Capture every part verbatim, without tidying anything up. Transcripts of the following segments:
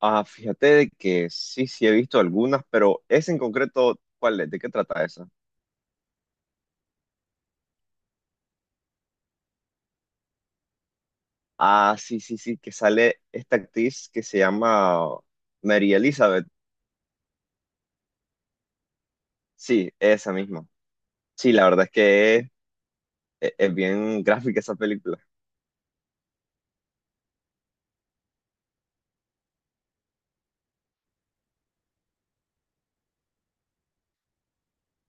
Ah, fíjate de que sí, sí he visto algunas, pero esa en concreto, ¿cuál es? ¿De qué trata esa? Ah, sí, sí, sí, que sale esta actriz que se llama Mary Elizabeth. Sí, esa misma. Sí, la verdad es que es, es- es bien gráfica esa película.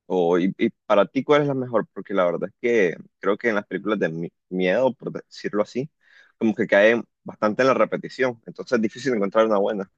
O, y, y para ti, ¿cuál es la mejor? Porque la verdad es que creo que en las películas de mi- miedo, por decirlo así, como que caen bastante en la repetición. Entonces es difícil encontrar una buena.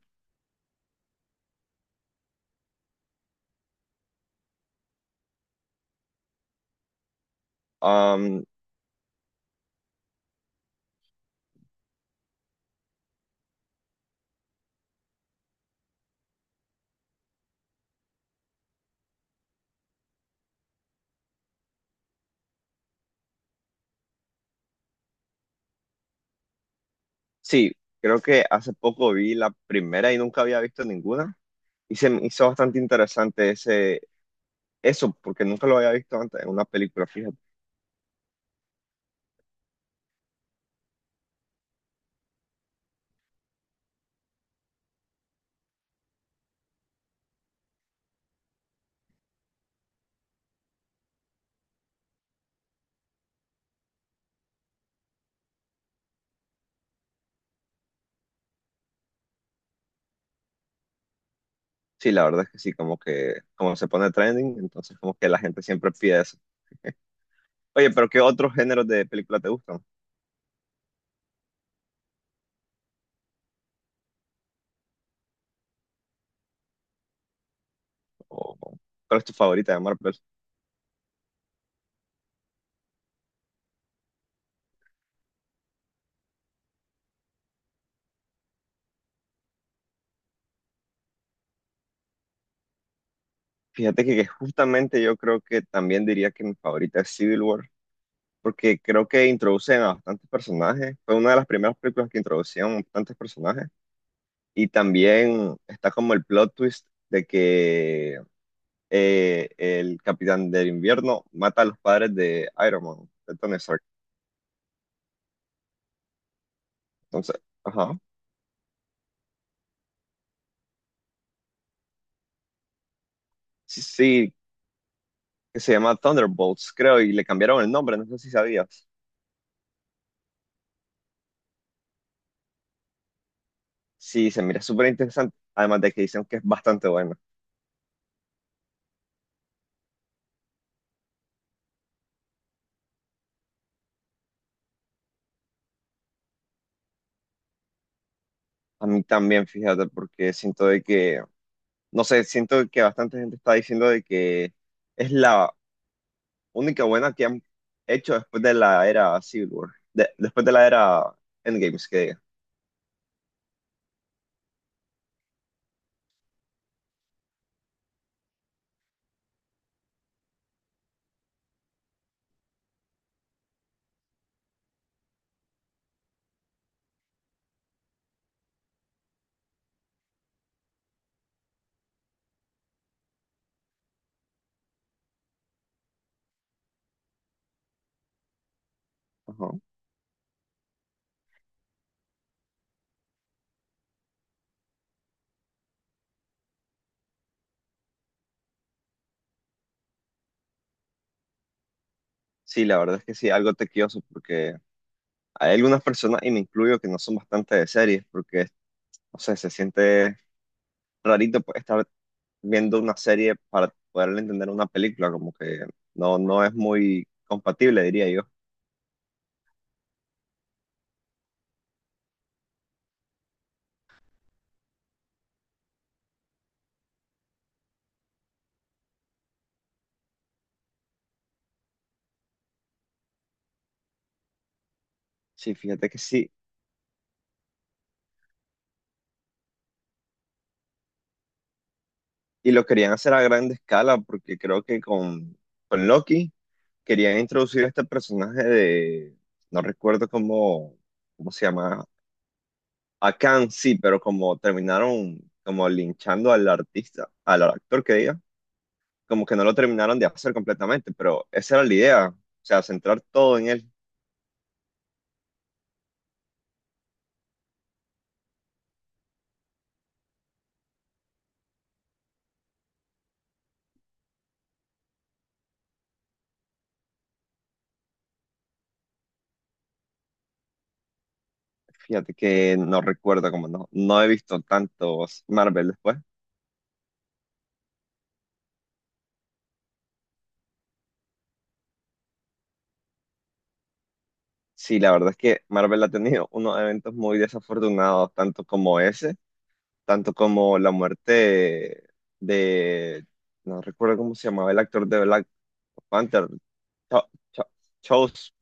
Sí, creo que hace poco vi la primera y nunca había visto ninguna. Y se me hizo bastante interesante ese, eso, porque nunca lo había visto antes en una película, fíjate. Sí, la verdad es que sí, como que como se pone trending, entonces como que la gente siempre pide eso. Oye, pero ¿qué otros géneros de película te gustan? ¿O o cuál es tu favorita de Marvel? Fíjate que, que justamente yo creo que también diría que mi favorita es Civil War, porque creo que introducen a bastantes personajes. Fue una de las primeras películas que introducían bastantes personajes. Y también está como el plot twist de que eh, el Capitán del Invierno mata a los padres de Iron Man, de Tony Stark. Entonces, ajá. Sí, sí, que se llama Thunderbolts, creo, y le cambiaron el nombre, no sé si sabías. Sí, se mira súper interesante, además de que dicen que es bastante bueno. A mí también, fíjate, porque siento de que, no sé, siento que bastante gente está diciendo de que es la única buena que han hecho después de la era Civil War, de- después de la era Endgames, que diga. Ajá. Sí, la verdad es que sí, algo tequioso porque hay algunas personas, y me incluyo, que no son bastante de series, porque, no sé, se siente rarito pues, estar viendo una serie para poder entender una película, como que no, no es muy compatible, diría yo. Sí, fíjate que sí. Y lo querían hacer a gran escala porque creo que con, con Loki querían introducir a este personaje de, no recuerdo cómo, cómo se llama, Akan sí, pero como terminaron como linchando al artista, al actor que diga, como que no lo terminaron de hacer completamente, pero esa era la idea, o sea, centrar todo en él. Fíjate que no recuerdo, como no, no he visto tantos Marvel después. Sí, la verdad es que Marvel ha tenido unos eventos muy desafortunados, tanto como ese tanto como la muerte de, no recuerdo cómo se llamaba el actor de Black Panther, Cho- Cho- Chos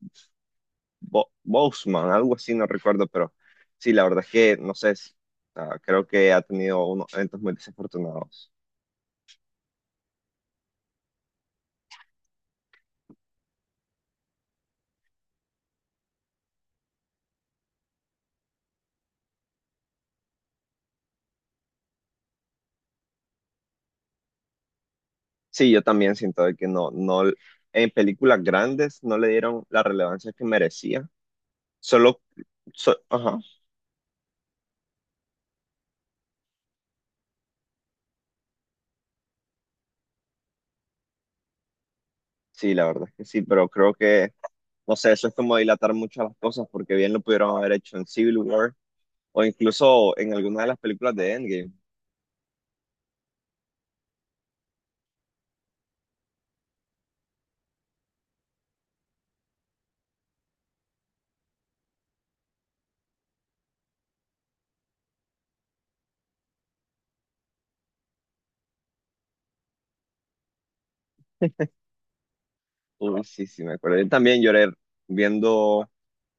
Bo- Boseman, algo así, no recuerdo, pero sí, la verdad es que, no sé, es- ah, creo que ha tenido unos eventos muy desafortunados. Sí, yo también siento de que no, no, en películas grandes no le dieron la relevancia que merecía, solo, so- ajá. Sí, la verdad es que sí, pero creo que, no sé, eso es como dilatar mucho las cosas, porque bien lo pudieron haber hecho en Civil War o incluso en alguna de las películas de Endgame. Uy, sí, sí, me acuerdo. Yo también lloré viendo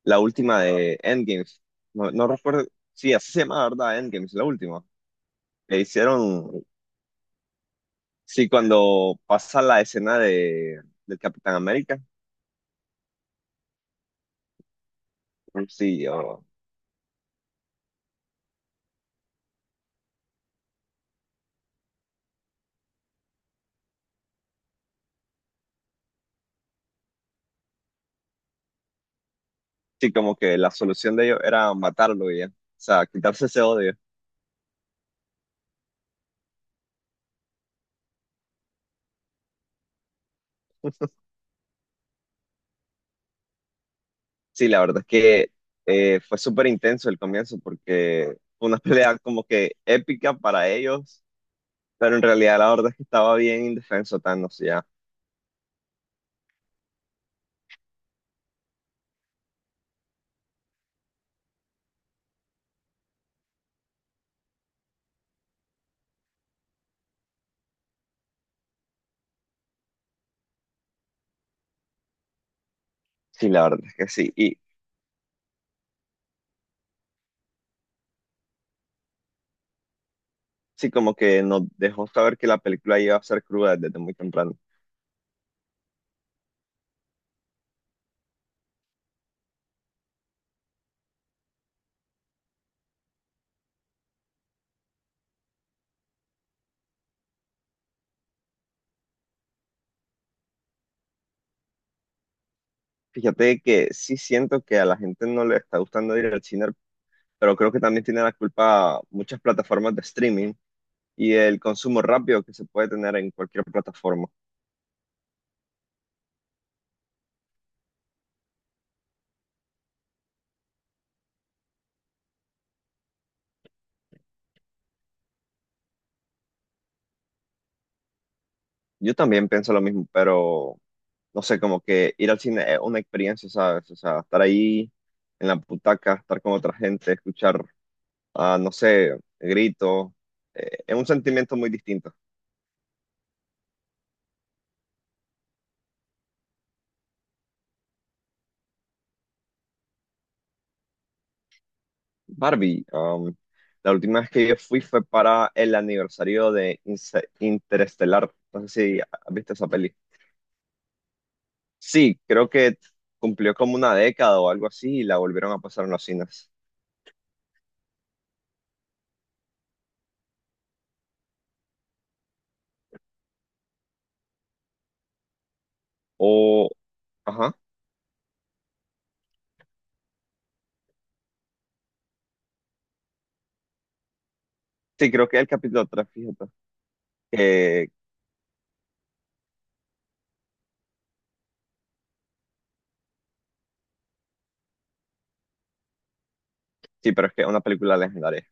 la última de Endgames. No, no recuerdo, sí, así se llama, ¿verdad? Endgames, la última. Que hicieron, sí, cuando pasa la escena de, del Capitán América. Sí, yo- sí, como que la solución de ellos era matarlo y ya. O sea, quitarse ese odio. Sí, la verdad es que eh, fue súper intenso el comienzo porque fue una pelea como que épica para ellos, pero en realidad la verdad es que estaba bien indefenso Thanos ya. Sí, la verdad es que sí. Y sí, como que nos dejó saber que la película iba a ser cruda desde muy temprano. Fíjate que sí siento que a la gente no le está gustando ir al cine, pero creo que también tiene la culpa muchas plataformas de streaming y el consumo rápido que se puede tener en cualquier plataforma. Yo también pienso lo mismo, pero, no sé, como que ir al cine es una experiencia, ¿sabes? O sea, estar ahí en la butaca, estar con otra gente, escuchar, ah, no sé, gritos, eh, es un sentimiento muy distinto. Barbie, um, la última vez que yo fui fue para el aniversario de Inse- Interestelar. No sé si viste esa peli. Sí, creo que cumplió como una década o algo así y la volvieron a pasar en los cines. O, ajá, sí, creo que es el capítulo tres, fíjate. Que, sí, pero es que es una película legendaria.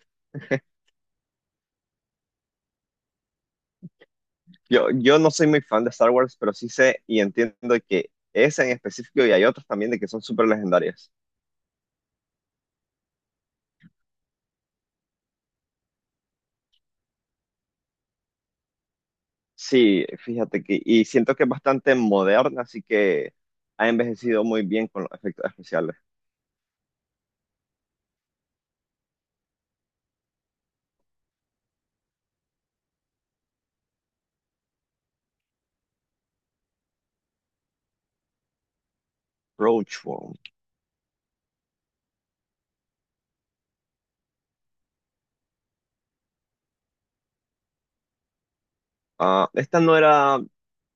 Yo, yo no soy muy fan de Star Wars, pero sí sé y entiendo que esa en específico y hay otras también de que son súper legendarias. Sí, fíjate que, y siento que es bastante moderna, así que ha envejecido muy bien con los efectos especiales. Roachbone. Ah, esta no era,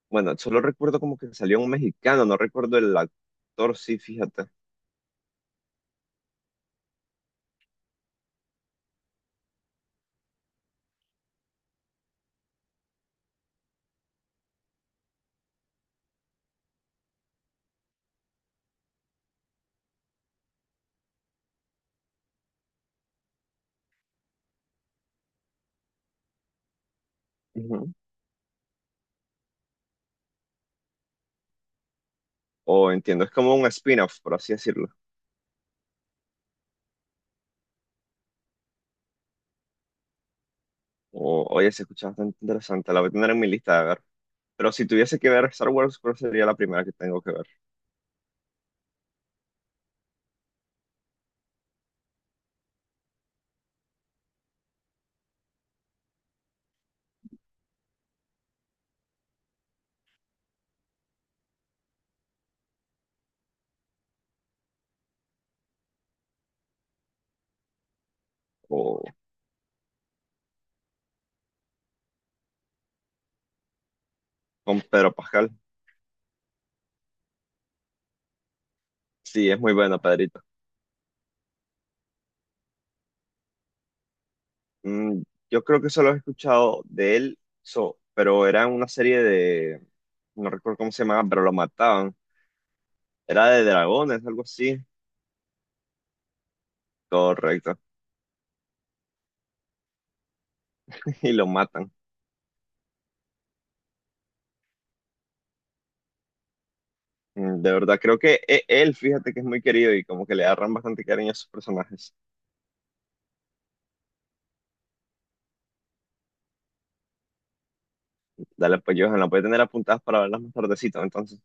bueno, solo recuerdo como que salió un mexicano, no recuerdo el actor, sí, fíjate. Ujú. O entiendo, es como un spin-off, por así decirlo. O, oye, se escucha bastante interesante, la voy a tener en mi lista de ver. Pero si tuviese que ver Star Wars, ¿cuál sería la primera que tengo que ver? O con Pedro Pascal. Sí, es muy bueno, Pedrito. Mm, yo creo que solo he escuchado de él, so- pero era una serie de, no recuerdo cómo se llamaba, pero lo mataban. Era de dragones, algo así. Correcto. Y lo matan. Mm, De verdad, creo que e- él, fíjate que es muy querido y como que le agarran bastante cariño a sus personajes. Dale, pues yo la voy a tener apuntadas para verlas más tardecito, entonces.